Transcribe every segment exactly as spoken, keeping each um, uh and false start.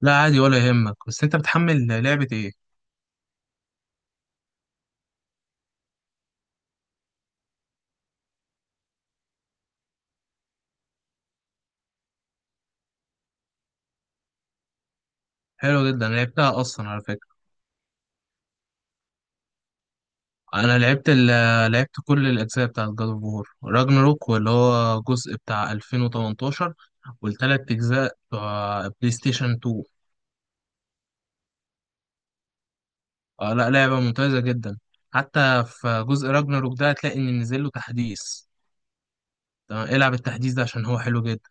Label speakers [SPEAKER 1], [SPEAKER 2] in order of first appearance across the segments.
[SPEAKER 1] لا، عادي ولا يهمك. بس انت بتحمل لعبة ايه؟ حلو جدا، لعبتها اصلا على فكرة. انا لعبت ال آه، لعبت كل الاجزاء بتاعت جاد اوف وور راجناروك، واللي هو جزء بتاع ألفين وتمنتاشر، والتلات اجزاء بتوع بلاي ستيشن اتنين. آه، لا، لعبة ممتازة جدا. حتى في جزء راجناروك ده هتلاقي ان نزل له تحديث. تمام، العب التحديث ده عشان هو حلو جدا.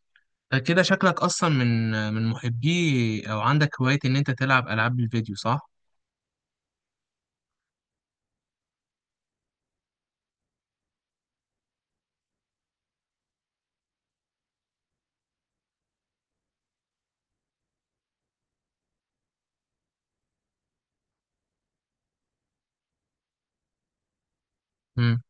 [SPEAKER 1] فكده شكلك اصلا من من محبي او عندك هواية ان انت تلعب العاب الفيديو، صح؟ مم.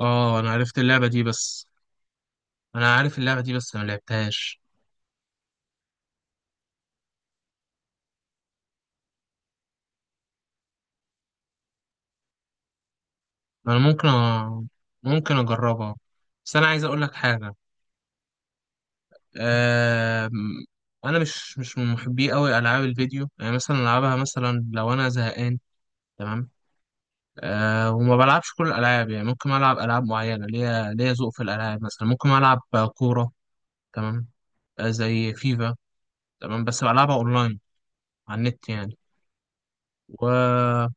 [SPEAKER 1] اه، انا عرفت اللعبة دي، بس انا عارف اللعبه دي بس ما لعبتهاش. انا ممكن أ... ممكن اجربها، بس انا عايز اقول لك حاجه. أم... انا مش مش من محبي قوي العاب الفيديو، يعني مثلا العبها مثلا لو انا زهقان. تمام. أه وما بلعبش كل الالعاب، يعني ممكن العب العاب معينه، ليا ليا ذوق في الالعاب، مثلا ممكن العب كوره. تمام. آه، زي فيفا. تمام، بس بلعبها اونلاين، على النت يعني. و،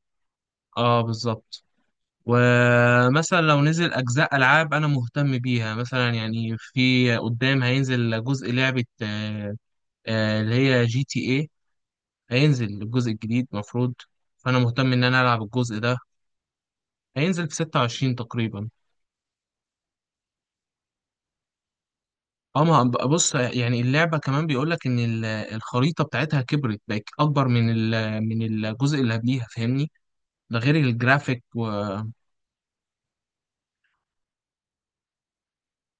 [SPEAKER 1] اه، بالظبط. ومثلا لو نزل أجزاء ألعاب أنا مهتم بيها، مثلا يعني في قدام هينزل جزء لعبة آه، آه، اللي هي جي تي إيه. هينزل الجزء الجديد، مفروض. فأنا مهتم إن أنا ألعب الجزء ده. هينزل في ستة وعشرين تقريبا. اه. ما هب- بص، يعني اللعبة كمان بيقولك إن ال- الخريطة بتاعتها كبرت، بقت أكبر من ال- من الجزء اللي قبليها، فاهمني؟ ده غير الجرافيك.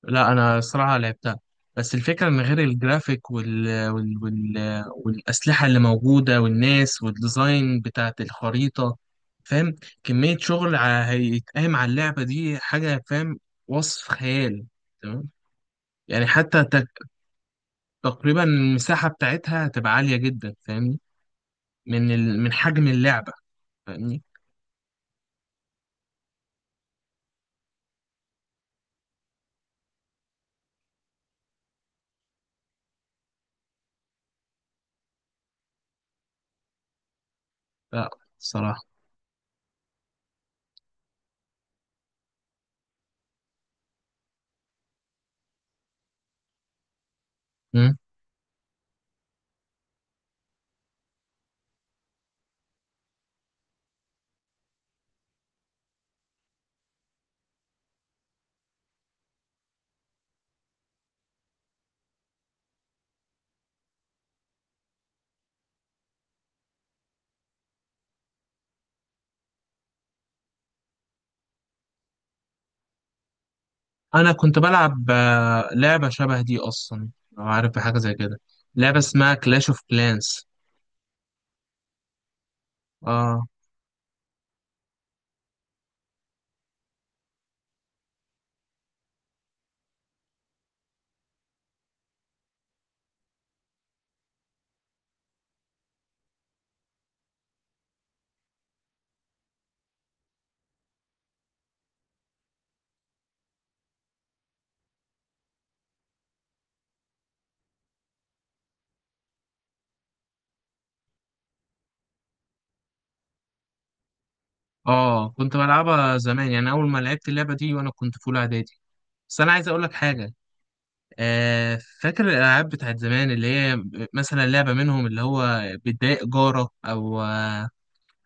[SPEAKER 1] لا، انا الصراحه لعبتها، بس الفكره ان غير الجرافيك وال... وال... وال... والاسلحه اللي موجوده والناس والديزاين بتاعت الخريطه، فاهم، كميه شغل ع- هيتقام على اللعبه دي حاجه، فاهم، وصف خيال. تمام. يعني حتى تق- تقريبا المساحه بتاعتها هتبقى عاليه جدا، فاهمني، من ال... من حجم اللعبه، فاهمني. لا الصراحه، انا كنت بلعب آه، لعبه شبه دي اصلا، لو عارف بحاجه زي كده، لعبه اسمها كلاش اوف كلانس. اه، اه، كنت بلعبها زمان، يعني اول ما لعبت اللعبه دي وانا كنت في اولى اعدادي. بس انا عايز اقول لك حاجه. آه فاكر الالعاب بتاعت زمان، اللي هي مثلا لعبه منهم اللي هو بتضايق جارك، او آه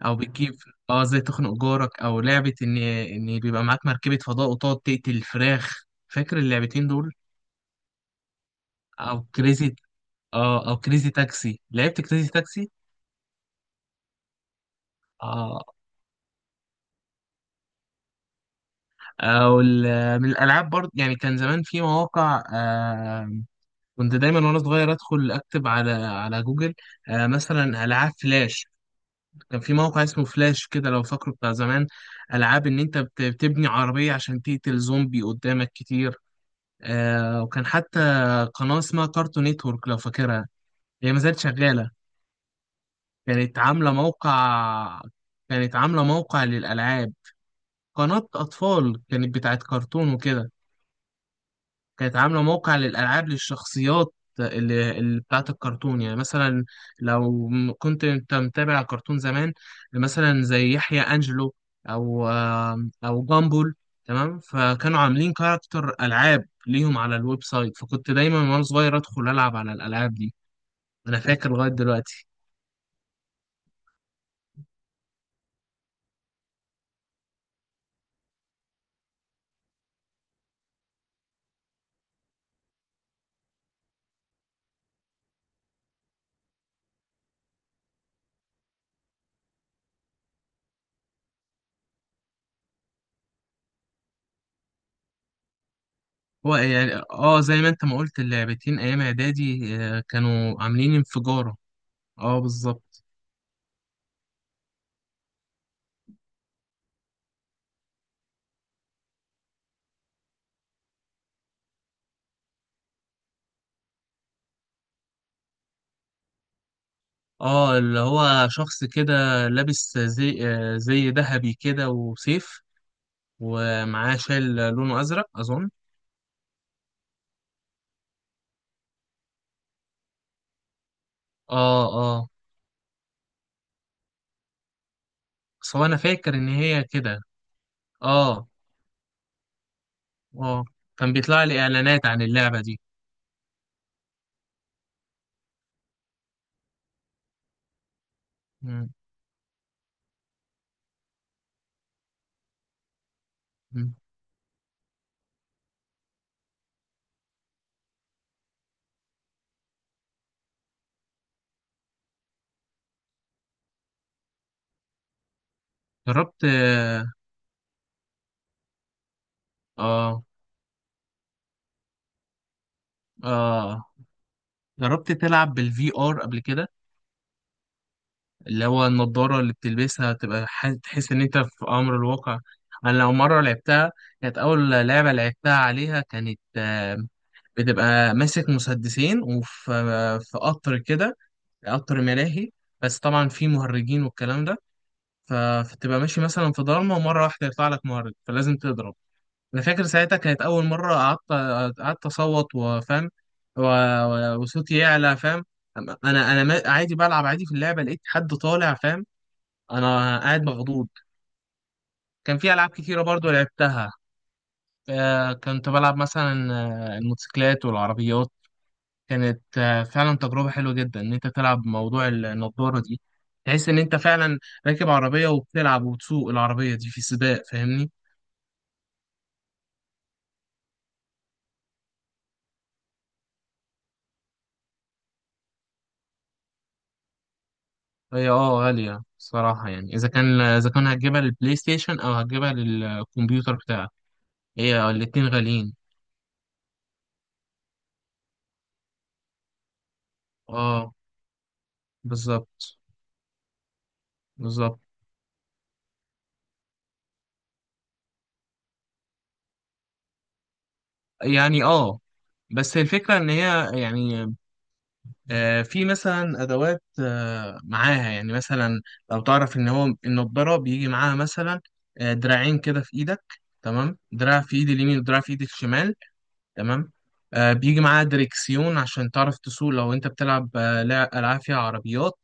[SPEAKER 1] او بتجيب، اه، زي تخنق جارك، او لعبه ان ان بيبقى معاك مركبه فضاء وتقعد تقتل الفراخ، فاكر اللعبتين دول؟ او كريزي اه او كريزي تاكسي، لعبت كريزي تاكسي. اه. او ال- من الالعاب برضه، يعني كان زمان في مواقع. آه كنت دايما وانا صغير ادخل اكتب على على جوجل آه مثلا العاب فلاش. كان في موقع اسمه فلاش كده، لو فاكره، بتاع زمان، العاب ان انت بت- بتبني عربيه عشان تقتل زومبي قدامك كتير. آه وكان حتى قناه اسمها كارتون نيتورك، لو فاكرها، هي ما زالت شغاله. كانت عامله موقع كانت عامله موقع للالعاب. قناة أطفال، كانت بتاعت كرتون وكده. كانت عاملة موقع للألعاب، للشخصيات اللي, اللي بتاعت الكرتون، يعني مثلا لو م- كنت أنت متابع كرتون زمان، مثلا زي يحيى أنجلو، أو آم، أو جامبول. تمام، فكانوا عاملين كاركتر ألعاب ليهم على الويب سايت، فكنت دايما وأنا صغير أدخل ألعب على الألعاب دي. أنا فاكر لغاية دلوقتي. هو يعني اه، زي ما انت ما قلت، اللعبتين ايام اعدادي آه، كانوا عاملين انفجارة. اه، بالظبط. اه، اللي هو شخص كده، لابس زي آه، زي ذهبي كده وسيف، ومعاه شال لونه ازرق، اظن. اه، اه، بس هو انا فاكر ان هي كده. اه. اه كان بيطلع لي اعلانات عن اللعبة دي. مم، مم. جربت، اه، اه، آه. جربت تلعب بالفي ار قبل كده؟ اللي هو النضارة اللي بتلبسها تبقى ح- تحس ان انت في امر الواقع. انا لو مرة لعبتها، كانت اول لعبة لعبتها عليها كانت آه، بتبقى ماسك مسدسين، وفي في قطر كده، قطر ملاهي، بس طبعا في مهرجين والكلام ده. ف- فتبقى ماشي مثلا في ضلمه، ومره واحده يطلع لك مهرج، فلازم تضرب. انا فاكر ساعتها كانت اول مره قعدت قعدت اصوت، وفاهم، و- و- وصوتي يعلى، فاهم. انا انا ما- عادي بلعب عادي في اللعبه، لقيت حد طالع، فاهم، انا قاعد مخضوض. كان في العاب كتيره برضو لعبتها. آه، كنت بلعب مثلا آه، الموتوسيكلات والعربيات. كانت آه، فعلا تجربة حلوة جدا إن أنت تلعب موضوع النضارة دي، تحس إن أنت فعلا راكب عربية، وبتلعب وبتسوق العربية دي في سباق، فاهمني. هي اه غالية صراحة، يعني إذا كان إذا كان هتجيبها للبلاي ستيشن أو هتجيبها للكمبيوتر بتاعك، هي الاتنين غاليين. اه، بالظبط. بالظبط، يعني اه، بس الفكرة إن هي يعني آه، في مثلا ادوات آه، معاها، يعني مثلا لو تعرف ان هو النضاره بيجي معاها مثلا آه، دراعين كده في ايدك، تمام، دراع في ايد اليمين ودراع في ايد الشمال. تمام. آه، بيجي معاها دريكسيون عشان تعرف تسوق، لو انت بتلعب آه، لع- العاب فيها عربيات.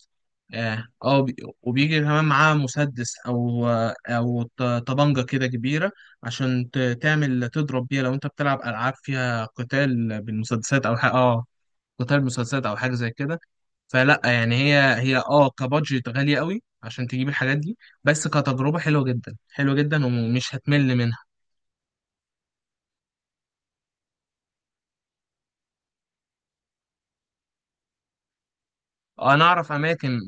[SPEAKER 1] اه. آه، وبي- وبيجي كمان معاها مسدس، او آه، او ط- طبنجه كده كبيره، عشان ت- تعمل تضرب بيها لو انت بتلعب العاب فيها قتال بالمسدسات، او ح- اه قتال مسدسات او حاجه زي كده. فلا يعني هي هي اه كبادجت غالية قوي عشان تجيب الحاجات دي، بس كتجربة حلوة جدا، حلوة جدا، ومش هتمل منها. انا اعرف اماكن،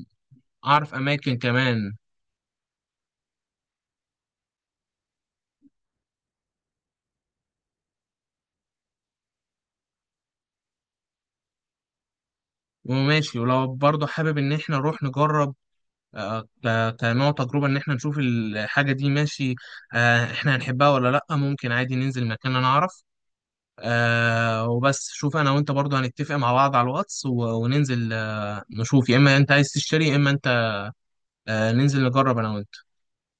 [SPEAKER 1] اعرف اماكن كمان. وماشي، ولو برضه حابب ان احنا نروح نجرب آه، ك- كنوع تجربة، ان احنا نشوف الحاجة دي، ماشي؟ آه، احنا هنحبها ولا لا. ممكن عادي ننزل مكان انا اعرف. آه وبس شوف، انا وانت برضه هنتفق مع بعض على الواتس، و- وننزل آه، نشوف يا اما انت عايز تشتري يا اما انت آه، ننزل نجرب انا وانت.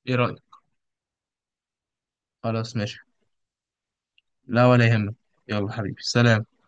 [SPEAKER 1] ايه رأيك؟ خلاص ماشي. لا، ولا يهمك. يلا حبيبي، سلام.